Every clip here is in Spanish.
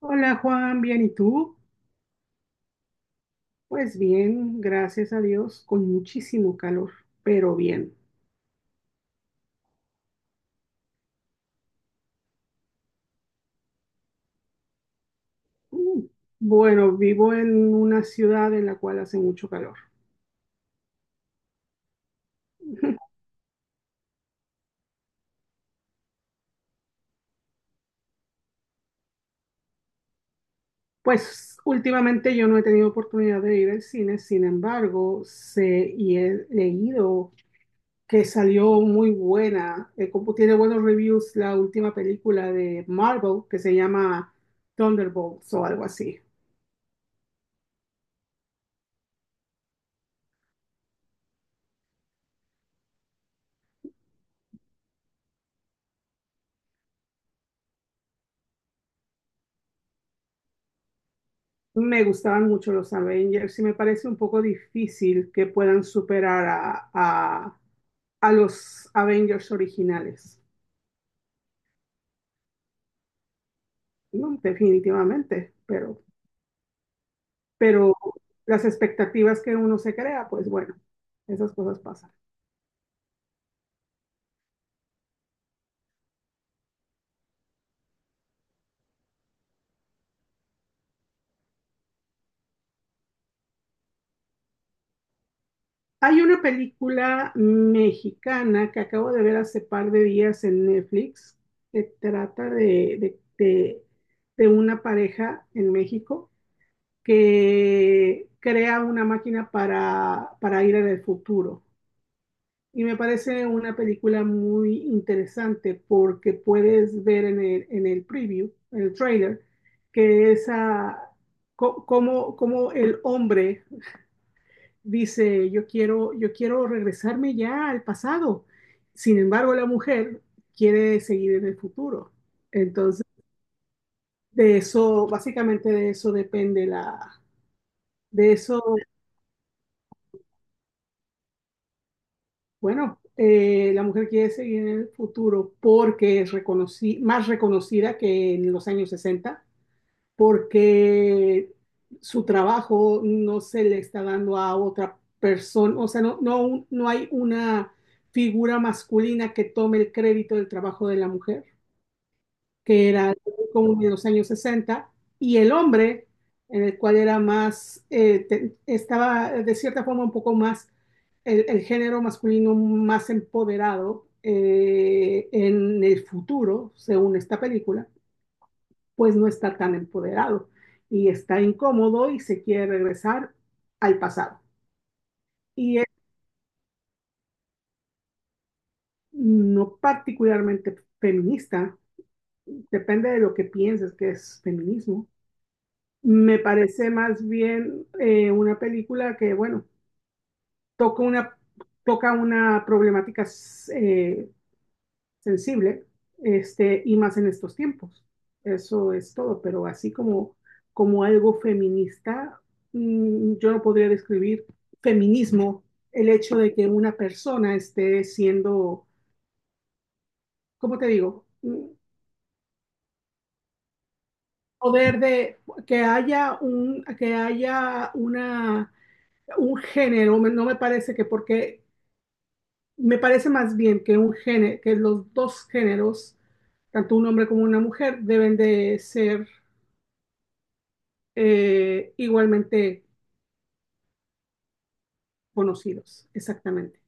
Hola Juan, bien, ¿y tú? Pues bien, gracias a Dios, con muchísimo calor, pero bien. Mm, Bueno, vivo en una ciudad en la cual hace mucho calor. Pues últimamente yo no he tenido oportunidad de ir al cine, sin embargo, sé y he leído que salió muy buena, como tiene buenos reviews la última película de Marvel que se llama Thunderbolts o algo así. Me gustaban mucho los Avengers y me parece un poco difícil que puedan superar a los Avengers originales. No, definitivamente, pero las expectativas que uno se crea, pues bueno, esas cosas pasan. Hay una película mexicana que acabo de ver hace par de días en Netflix que trata de una pareja en México que crea una máquina para ir al futuro. Y me parece una película muy interesante porque puedes ver en el preview, en el trailer, que esa, cómo el hombre dice, yo quiero regresarme ya al pasado. Sin embargo, la mujer quiere seguir en el futuro. Entonces, de eso, básicamente de eso depende la, de eso Bueno, la mujer quiere seguir en el futuro porque es más reconocida que en los años 60, porque su trabajo no se le está dando a otra persona, o sea, no hay una figura masculina que tome el crédito del trabajo de la mujer que era como de los años sesenta, y el hombre, en el cual era más, estaba de cierta forma un poco más, el género masculino más empoderado en el futuro, según esta película, pues no está tan empoderado y está incómodo y se quiere regresar al pasado. Y es no particularmente feminista, depende de lo que pienses que es feminismo. Me parece más bien una película que, bueno, toca una, toca una problemática eh, sensible, este, y más en estos tiempos. Eso es todo, pero así como, como algo feminista, yo no podría describir feminismo el hecho de que una persona esté siendo, ¿cómo te digo? Mm, Poder de que haya un, que haya una, un género, no me parece que porque. Me parece más bien que un género, que los dos géneros, tanto un hombre como una mujer, deben de ser igualmente conocidos, exactamente.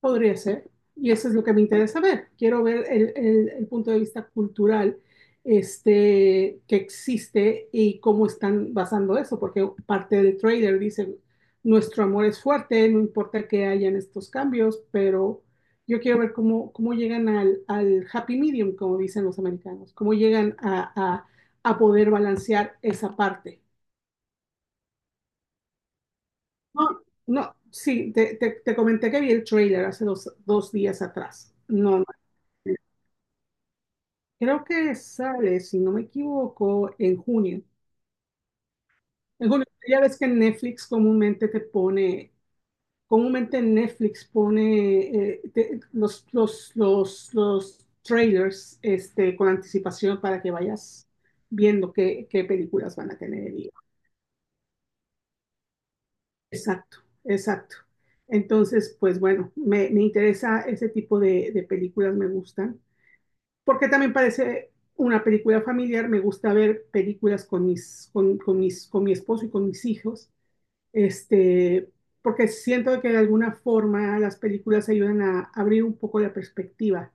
Podría ser. Y eso es lo que me interesa ver. Quiero ver el punto de vista cultural, este, que existe y cómo están basando eso, porque parte del trailer dice, nuestro amor es fuerte, no importa que hayan estos cambios, pero yo quiero ver cómo, cómo llegan al happy medium, como dicen los americanos, cómo llegan a poder balancear esa parte. No, no, sí, te comenté que vi el trailer hace dos días atrás. No, no. Creo que sale, si no me equivoco, en junio. En junio, ya ves que Netflix comúnmente te pone, comúnmente Netflix pone los trailers, este, con anticipación para que vayas viendo qué, qué películas van a tener. Exacto, exacto. Entonces, pues bueno, me interesa ese tipo de películas, me gustan, porque también parece una película familiar, me gusta ver películas con mi esposo y con mis hijos, este, porque siento que de alguna forma las películas ayudan a abrir un poco la perspectiva,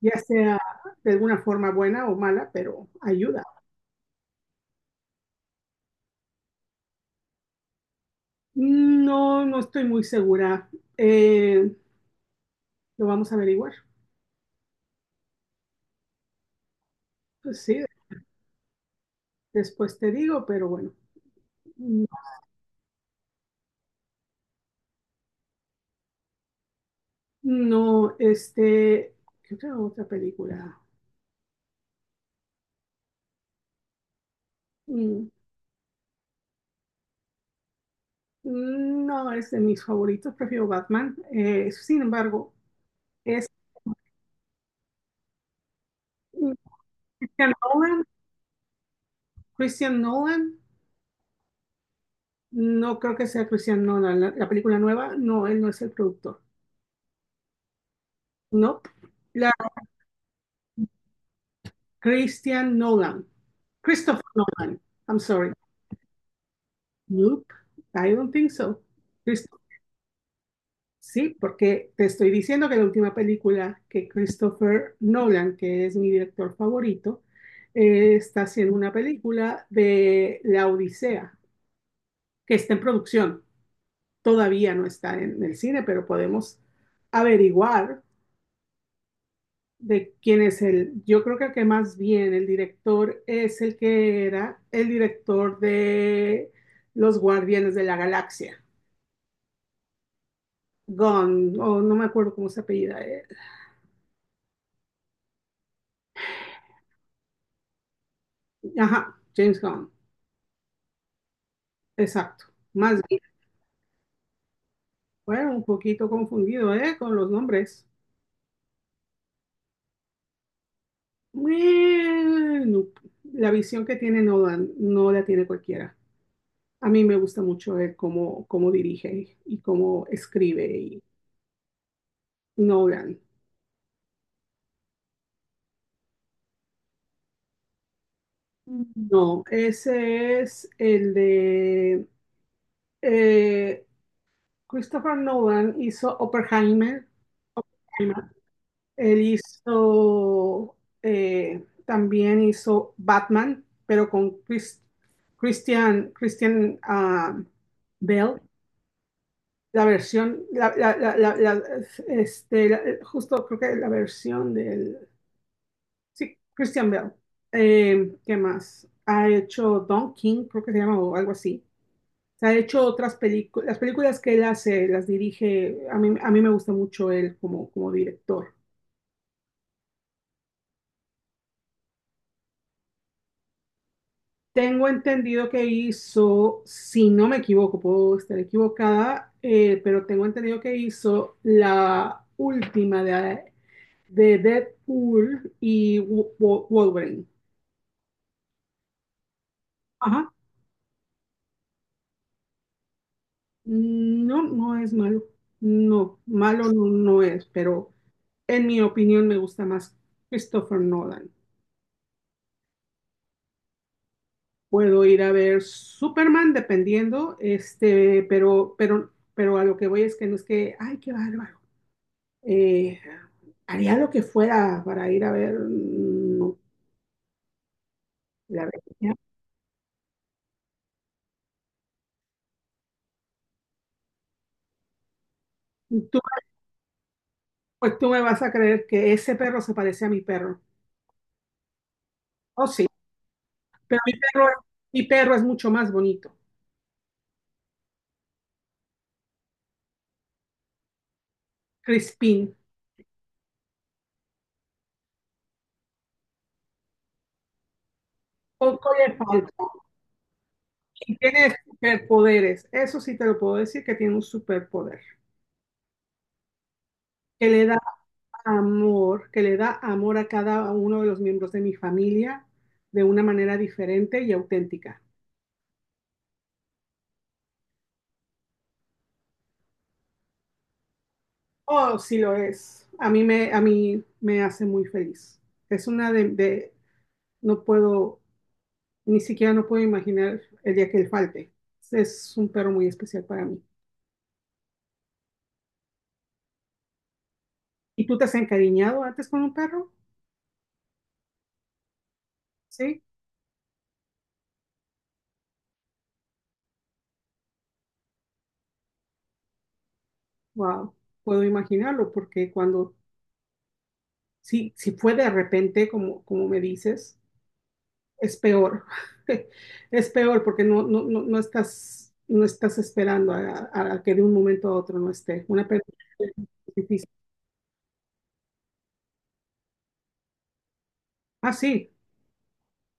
ya sea de alguna forma buena o mala, pero ayuda. No, no estoy muy segura. Eh, lo vamos a averiguar. Pues sí, después te digo, pero bueno. No, no, este, ¿qué otra película? Mm, No es de mis favoritos, prefiero Batman. Sin embargo, es Christian Nolan. Christian Nolan, no creo que sea Christian Nolan. La película nueva, no, él no es el productor. No, la Christian Nolan. Christopher Nolan. I'm sorry. Nope, I don't think so. Christopher. Sí, porque te estoy diciendo que la última película que Christopher Nolan, que es mi director favorito, está haciendo una película de La Odisea, que está en producción. Todavía no está en el cine, pero podemos averiguar de quién es el. Yo creo que más bien el director es el que era el director de Los Guardianes de la Galaxia, Gunn, o no me acuerdo cómo se apellida. Ajá, James Gunn. Exacto. Más bien fue un poquito confundido, ¿eh? Con los nombres. Bueno, la visión que tiene Nolan no la tiene cualquiera. A mí me gusta mucho él cómo, cómo dirige y cómo escribe y. Nolan. Mm. No, ese es el de, eh, Christopher Nolan hizo Oppenheimer. Oppenheimer. Él hizo, también hizo Batman, pero con Christian, Bell. La versión, la- la- la- la- la- este, la- justo creo que la versión del. Sí, Christian Bale. ¿Qué más? Ha hecho Don King, creo que se llama, o algo así. Se ha hecho otras películas, las películas que él hace, las dirige, a mí me gusta mucho él como, como director. Tengo entendido que hizo, si no me equivoco, puedo estar equivocada, pero tengo entendido que hizo la última de Deadpool y Wolverine. Ajá, no, no es malo. No, malo no, no es, pero en mi opinión me gusta más Christopher Nolan. Puedo ir a ver Superman dependiendo, este, pero a lo que voy es que no es que, ay, qué bárbaro. Eh, haría lo que fuera para ir a ver, no, la verdad. Tú, pues tú me vas a creer que ese perro se parece a mi perro. Oh, sí, pero mi perro es mucho más bonito. Crispín. Poco le falta. Y tiene superpoderes. Eso sí te lo puedo decir, que tiene un superpoder. Que le da que le da amor a cada uno de los miembros de mi familia de una manera diferente y auténtica. Oh, sí lo es. A mí me hace muy feliz. Es una no puedo, ni siquiera no puedo imaginar el día que él falte. Es un perro muy especial para mí. ¿Y tú te has encariñado antes con un perro? Sí. Wow. Puedo imaginarlo porque cuando si fue de repente, como, como me dices, es peor. Es peor porque no estás, no estás esperando a que de un momento a otro no esté. Una pérdida es difícil. Ah, sí.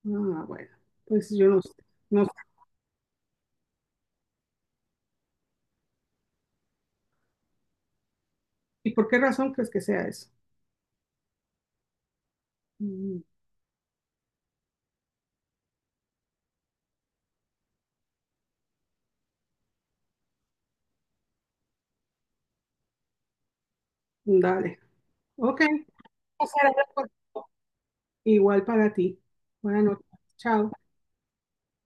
Ah, bueno. Pues yo no sé. No sé. ¿Y por qué razón crees que sea eso? Mm, Dale. Ok. Igual para ti. Buenas noches. Chao.